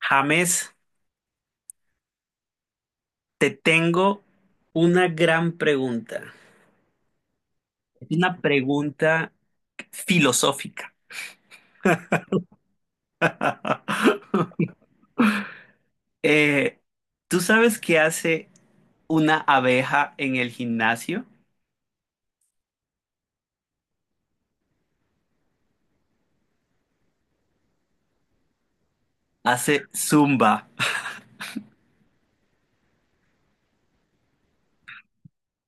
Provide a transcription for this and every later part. James, te tengo una gran pregunta. Es una pregunta filosófica. Eh, ¿Tú sabes qué hace una abeja en el gimnasio? Hace zumba.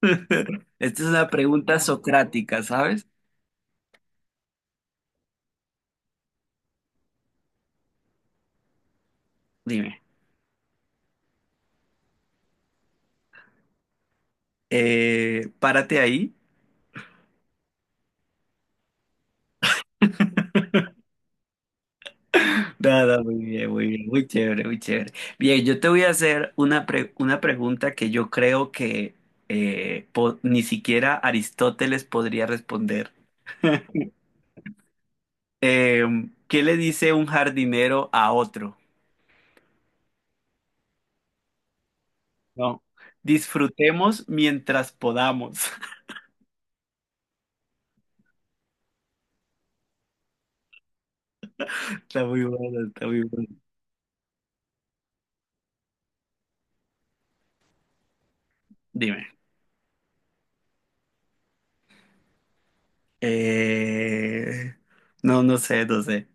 Esta es una pregunta socrática, ¿sabes? Dime. Párate ahí. Nada, muy bien, muy bien, muy chévere, muy chévere. Bien, yo te voy a hacer una pregunta que yo creo que ni siquiera Aristóteles podría responder. Eh, ¿Qué le dice un jardinero a otro? No. Disfrutemos mientras podamos. Está muy bueno, está muy bueno. Dime. Eh, no, no sé, no sé.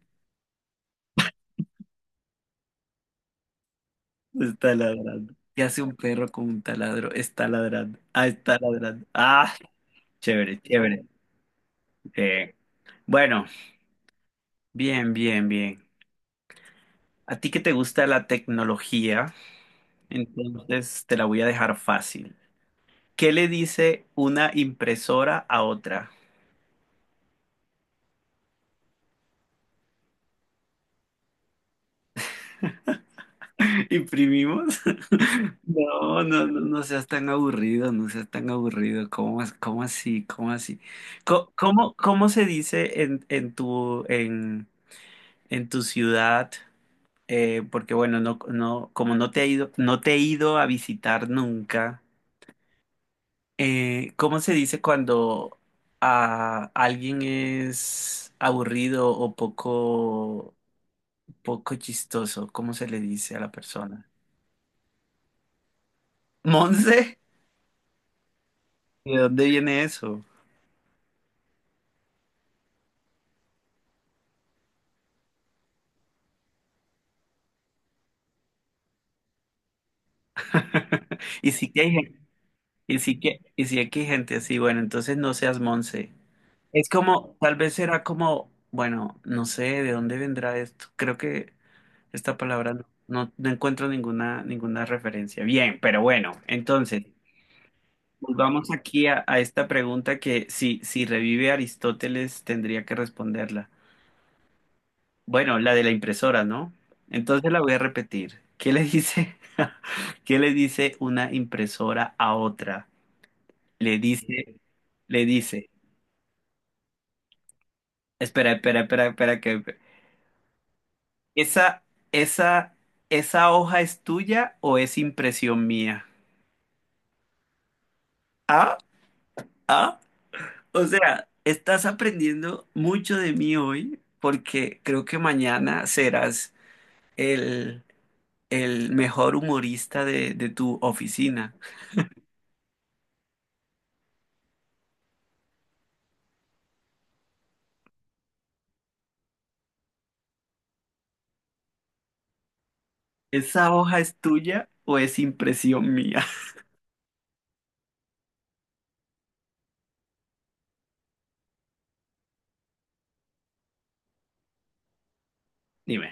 Está ladrando. ¿Qué hace un perro con un taladro? Está ladrando. Ah, está ladrando. Ah, chévere, chévere. Eh, bueno, Bien, bien, bien. A ti que te gusta la tecnología, entonces te la voy a dejar fácil. ¿Qué le dice una impresora a otra? ¿Imprimimos? No, no, no, no seas tan aburrido, no seas tan aburrido. ¿Cómo, cómo así? ¿Cómo así? ¿Cómo, cómo se dice en tu ciudad? Porque bueno, no, no, como no te he ido, no te he ido a visitar nunca. ¿Cómo se dice cuando a alguien es aburrido o poco chistoso? ¿Cómo se le dice a la persona? ¿Monse? ¿De dónde viene eso? Y sí que hay gente, y sí que hay gente así, bueno, entonces no seas Monse. Es como, tal vez será como, bueno, no sé de dónde vendrá esto. Creo que esta palabra no, no, no encuentro ninguna, ninguna referencia. Bien, pero bueno, entonces. Volvamos aquí a esta pregunta que si revive Aristóteles tendría que responderla. Bueno, la de la impresora, ¿no? Entonces la voy a repetir. ¿Qué le dice? ¿Qué le dice una impresora a otra? Le dice, le dice, Espera, espera, espera, espera, que esa, esa, ¿esa hoja es tuya o es impresión mía? Ah, ah, o sea, estás aprendiendo mucho de mí hoy porque creo que mañana serás el, el mejor humorista de tu oficina. ¿Esa hoja es tuya o es impresión mía? Dime.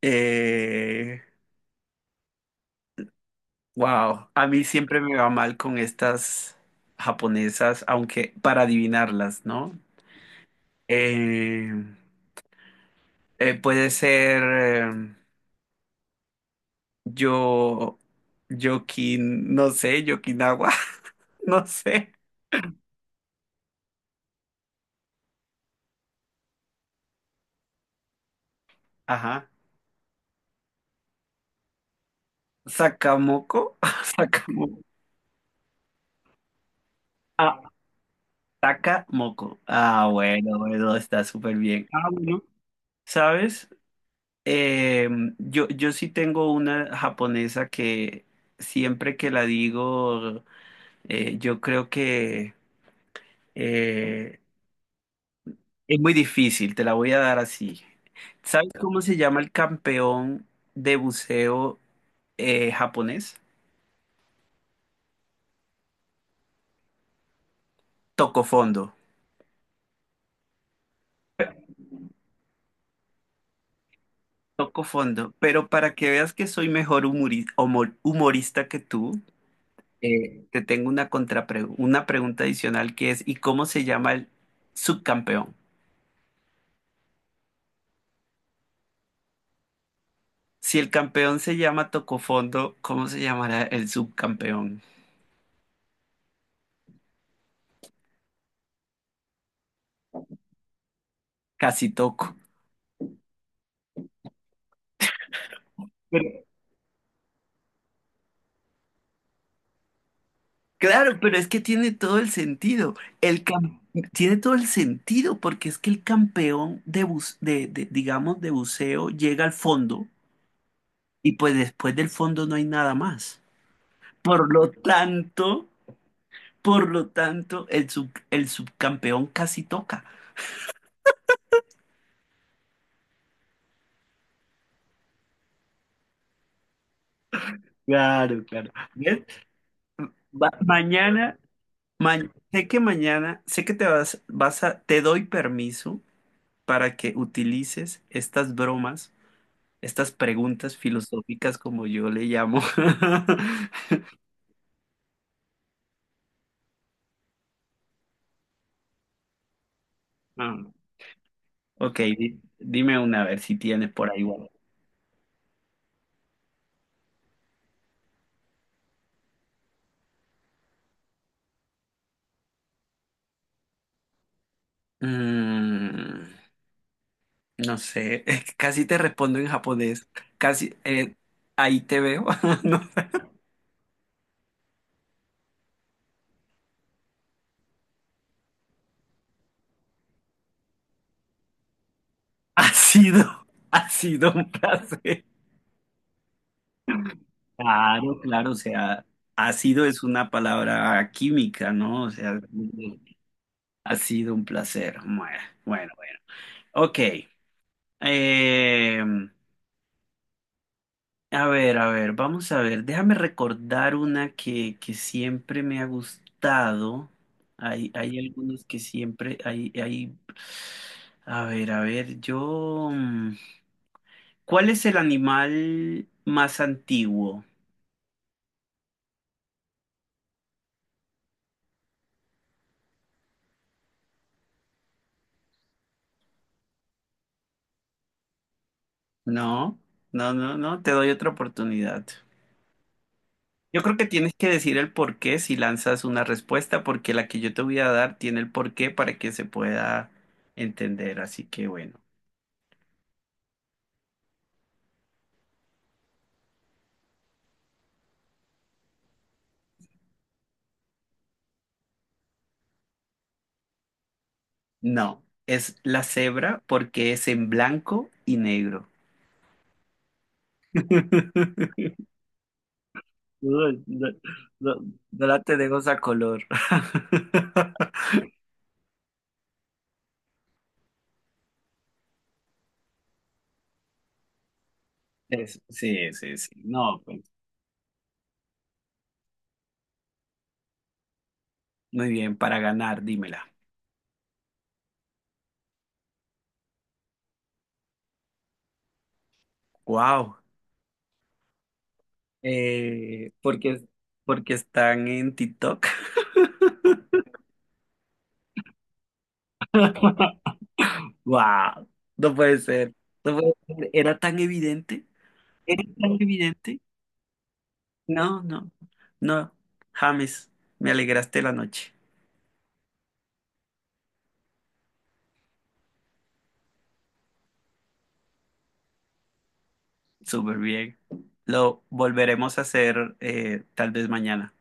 Eh, wow, a mí siempre me va mal con estas japonesas, aunque para adivinarlas, ¿no? Eh, Puede ser eh, yo, Yokin, no sé, Yokinawa, no sé. Ajá. Sakamoko, Sakamoko. Ah, Taca moco. Ah, bueno, bueno, está súper bien. Ah, bueno. ¿Sabes? Eh, yo sí tengo una japonesa que siempre que la digo, yo creo que eh, es muy difícil, te la voy a dar así. ¿Sabes cómo se llama el campeón de buceo japonés? Toco fondo. Toco fondo. Pero para que veas que soy mejor humorista que tú. Te tengo una una pregunta adicional que es, ¿y cómo se llama el subcampeón? Si el campeón se llama Tocofondo, ¿cómo se llamará el subcampeón? Casi Toco. Pero- claro, pero es que tiene todo el sentido. El cam- Tiene todo el sentido porque es que el campeón de, bus- de, digamos, de buceo llega al fondo y pues después del fondo no hay nada más. Por lo tanto, por lo tanto, el subcampeón casi toca. Claro, claro. ¿Ves? Va- mañana, ma- Sé que mañana, sé que vas a, te doy permiso para que utilices estas bromas, estas preguntas filosóficas como yo le llamo. Ah, ok, dime una, a ver si tienes por ahí. Una. Mm, no sé, es que casi te respondo en japonés. Casi, ahí te veo. No, ha sido, ha sido un placer. Claro, claro, o sea, ácido es una palabra química, ¿no? O sea, ha sido un placer. Bueno, bueno, bueno. Ok. Eh, a ver, a ver, vamos a ver. Déjame recordar una que siempre me ha gustado. Hay algunos que siempre, hay... a ver, ¿cuál es el animal más antiguo? No, no, no, no, te doy otra oportunidad. Yo creo que tienes que decir el por qué si lanzas una respuesta, porque la que yo te voy a dar tiene el por qué para que se pueda entender. Así que bueno, no, es la cebra porque es en blanco y negro. No, no, no, no la tenemos a color. Es- sí, sí, sí. No, pues, muy bien, para ganar, dímela. Wow. Eh, porque, Porque están en TikTok. Wow, no puede ser, no puede ser. Era tan evidente, era tan evidente. No, no, no. James, me alegraste la noche. Súper bien. Lo volveremos a hacer tal vez mañana.